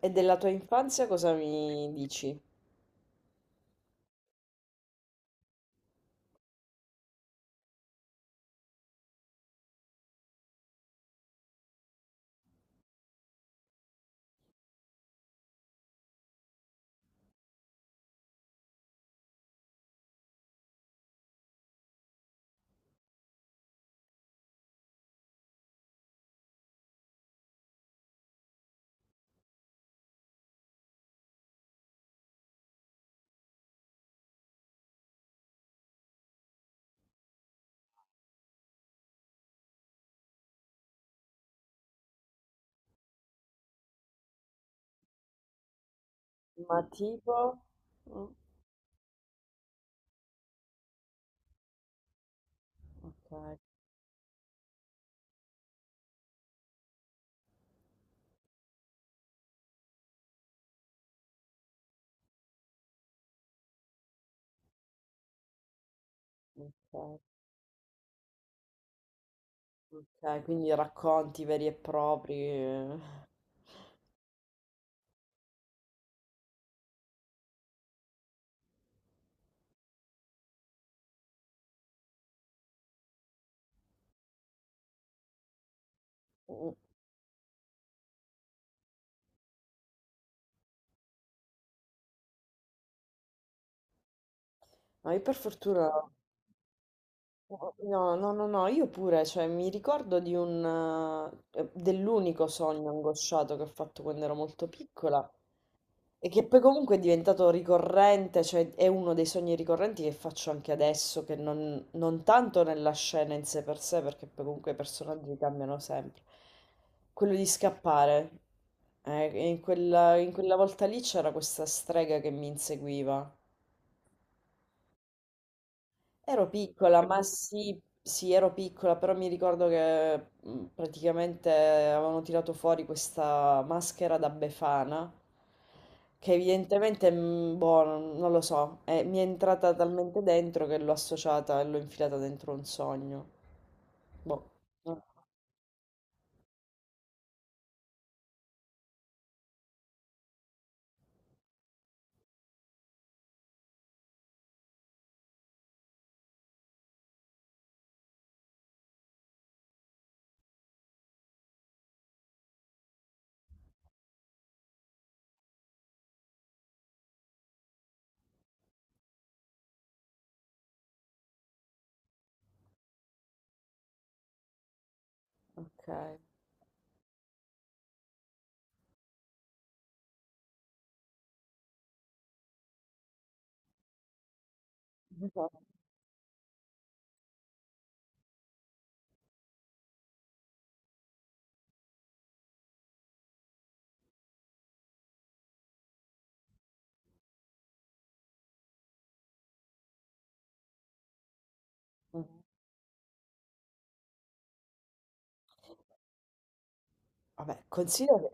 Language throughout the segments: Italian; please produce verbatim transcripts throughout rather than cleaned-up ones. E della tua infanzia cosa mi dici? Ma tipo. Mm. Ok, ok, ok, quindi racconti veri e propri. Eh. Mm. Ma io per fortuna. No, no, no, no, io pure, cioè mi ricordo di un... eh, dell'unico sogno angosciato che ho fatto quando ero molto piccola. E che poi comunque è diventato ricorrente, cioè è uno dei sogni ricorrenti che faccio anche adesso, che non, non tanto nella scena in sé per sé, perché poi comunque i personaggi cambiano sempre. Quello di scappare. Eh, e in quella, in quella volta lì c'era questa strega che mi inseguiva. Ero piccola, ma sì, sì, ero piccola, però mi ricordo che mh, praticamente avevano tirato fuori questa maschera da Befana, che evidentemente, mh, boh, non non lo so, eh, mi è entrata talmente dentro che l'ho associata e l'ho infilata dentro un sogno. Boh, no, ok. Mhm. Vabbè, considero.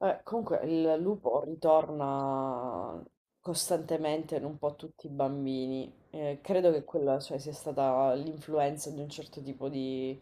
Eh, comunque il lupo ritorna costantemente in un po' tutti i bambini. Eh, credo che quella, cioè, sia stata l'influenza di un certo tipo di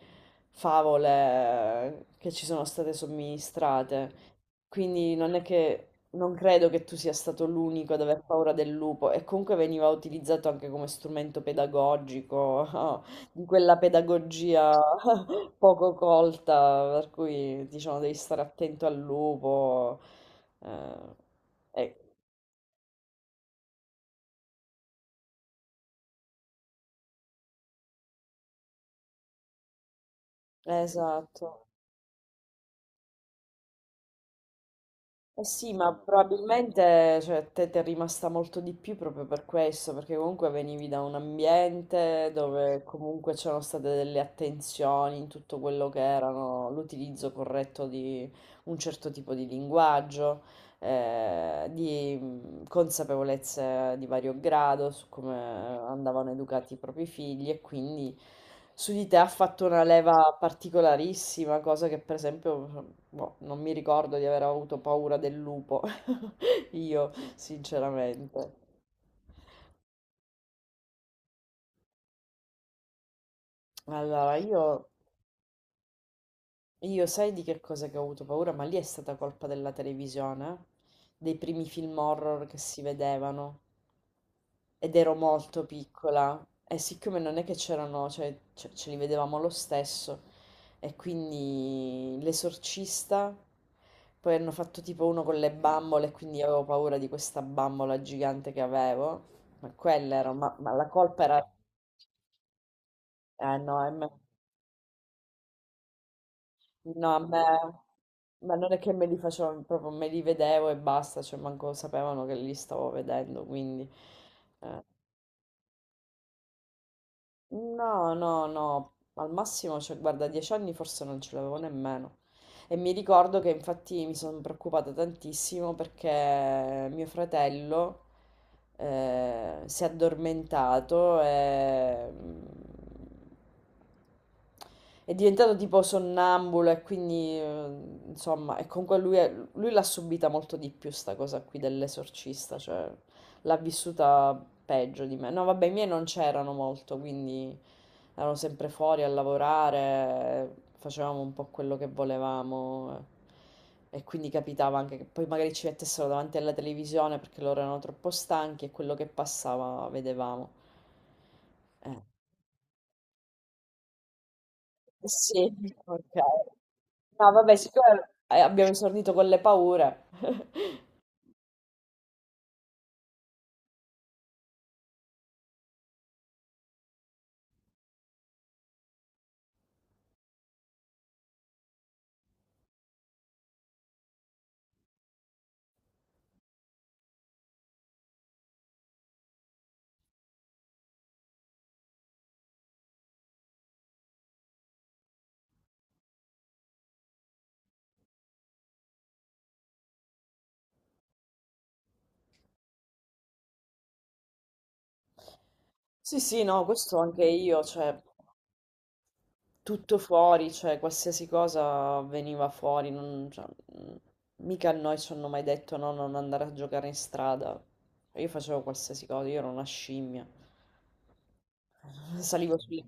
favole che ci sono state somministrate. Quindi non è che non credo che tu sia stato l'unico ad aver paura del lupo e comunque veniva utilizzato anche come strumento pedagogico, di quella pedagogia poco colta, per cui diciamo devi stare attento al lupo. eh, eh, esatto. Eh sì, ma probabilmente cioè, a te ti è rimasta molto di più proprio per questo, perché comunque venivi da un ambiente dove comunque c'erano state delle attenzioni in tutto quello che erano l'utilizzo corretto di un certo tipo di linguaggio. eh, di mh, consapevolezze di vario grado su come andavano educati i propri figli e quindi su di te ha fatto una leva particolarissima, cosa che per esempio boh, non mi ricordo di aver avuto paura del lupo, io sinceramente. Allora, io, io sai di che cosa che ho avuto paura, ma lì è stata colpa della televisione, eh? Dei primi film horror che si vedevano. Ed ero molto piccola e siccome non è che c'erano, cioè, ce ce li vedevamo lo stesso e quindi l'esorcista, poi hanno fatto tipo uno con le bambole e quindi avevo paura di questa bambola gigante che avevo, ma quella era, ma, ma la colpa era, eh no, a me, no, a me, ma non è che me li facevo, proprio me li vedevo e basta, cioè manco sapevano che li stavo vedendo, quindi. Eh. No, no, no, al massimo, cioè, guarda, dieci anni forse non ce l'avevo nemmeno. E mi ricordo che infatti mi sono preoccupata tantissimo perché mio fratello eh, si è addormentato e mm, è diventato tipo sonnambulo e quindi eh, insomma, e comunque lui, è- lui l'ha subita molto di più sta cosa qui dell'esorcista, cioè l'ha vissuta peggio di me. No, vabbè, i miei non c'erano molto, quindi erano sempre fuori a lavorare, facevamo un po' quello che volevamo eh. E quindi capitava anche che poi magari ci mettessero davanti alla televisione perché loro erano troppo stanchi e quello che passava vedevamo. Eh, eh sì, ok. No, vabbè, siccome eh, abbiamo esordito con le paure. Sì, sì, no, questo anche io, cioè. Tutto fuori, cioè qualsiasi cosa veniva fuori, non- cioè, mh, mica a noi ci hanno mai detto no, non andare a giocare in strada. Io facevo qualsiasi cosa, io ero una scimmia, salivo sulle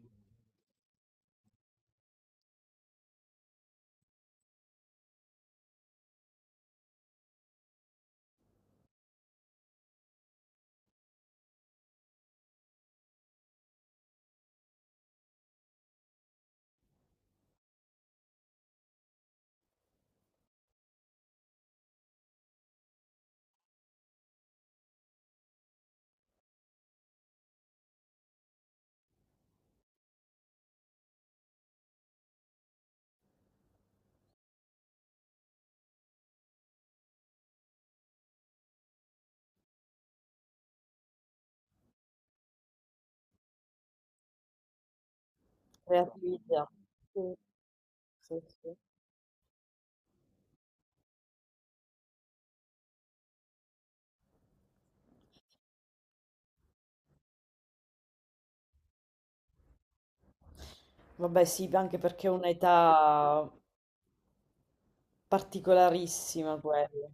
creatività. Sì, sì, sì. Vabbè, sì, anche perché è un'età particolarissima quella.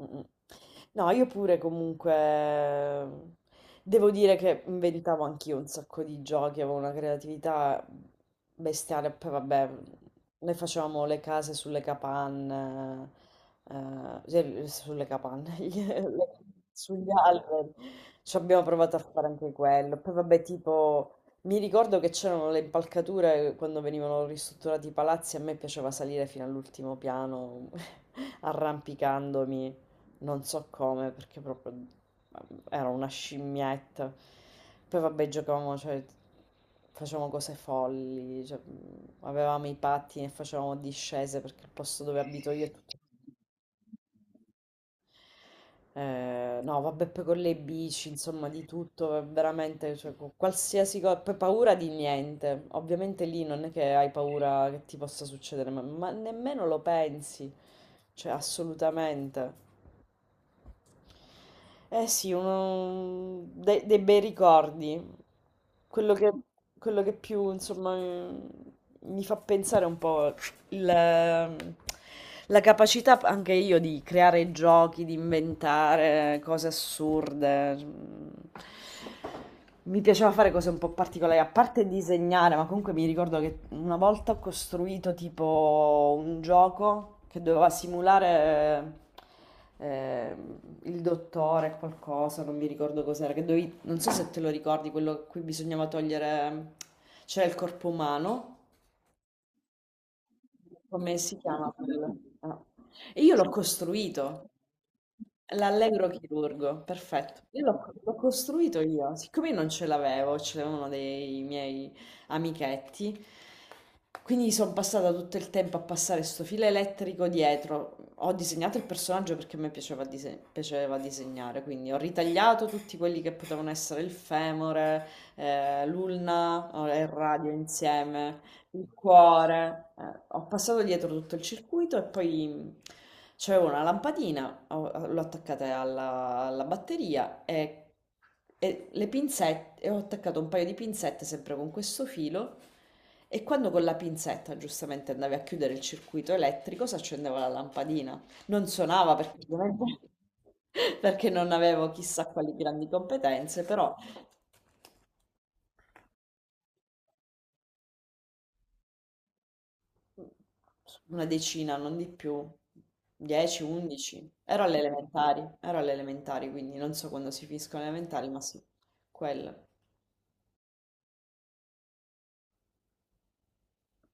Mm, mm. No, io pure comunque devo dire che inventavo anch'io un sacco di giochi, avevo una creatività bestiale, poi vabbè, noi facevamo le case sulle capanne, eh, cioè, sulle capanne, gli- le- sugli alberi, ci abbiamo provato a fare anche quello, poi vabbè tipo. Mi ricordo che c'erano le impalcature quando venivano ristrutturati i palazzi, a me piaceva salire fino all'ultimo piano arrampicandomi non so come, perché proprio ehm, era una scimmietta. Poi vabbè, giocavamo, cioè, facevamo cose folli, cioè, mm, avevamo i pattini e facevamo discese perché il posto dove abito io è tutto. Eh, no, vabbè, poi con le bici, insomma, di tutto, eh, veramente, cioè, con qualsiasi cosa, poi paura di niente. Ovviamente lì non è che hai paura che ti possa succedere, ma, ma nemmeno lo pensi, cioè, assolutamente. Eh sì, uno, de- dei bei ricordi. Quello che, quello che più, insomma, mi mi fa pensare un po' il- ehm, la capacità anche io di creare giochi, di inventare cose assurde. Mm. Mi piaceva fare cose un po' particolari, a parte disegnare, ma comunque mi ricordo che una volta ho costruito tipo un gioco che doveva simulare eh, il dottore, qualcosa, non mi ricordo cos'era, che dovevi, non so se te lo ricordi, quello a cui bisognava togliere, c'era il corpo umano. Come si chiama quello? Ah. E io l'ho costruito, l'allegro chirurgo, perfetto. Io l'ho l'ho costruito io, siccome io non ce l'avevo, ce l'avevano dei miei amichetti, quindi sono passata tutto il tempo a passare sto filo elettrico dietro. Ho disegnato il personaggio perché a me piaceva, dise- piaceva disegnare, quindi ho ritagliato tutti quelli che potevano essere il femore, eh, l'ulna, eh, il radio insieme il cuore. Eh, ho passato dietro tutto il circuito e poi mh, c'avevo una lampadina, ho- l'ho attaccata alla, alla batteria e, e le pinzette, e ho attaccato un paio di pinzette sempre con questo filo. E quando con la pinzetta giustamente andavi a chiudere il circuito elettrico, si accendeva la lampadina. Non suonava perché ovviamente- perché non avevo chissà quali grandi competenze, però una decina, non di più, dieci, undici. Ero alle elementari, ero alle elementari, quindi non so quando si finiscono le elementari, ma sì, quello.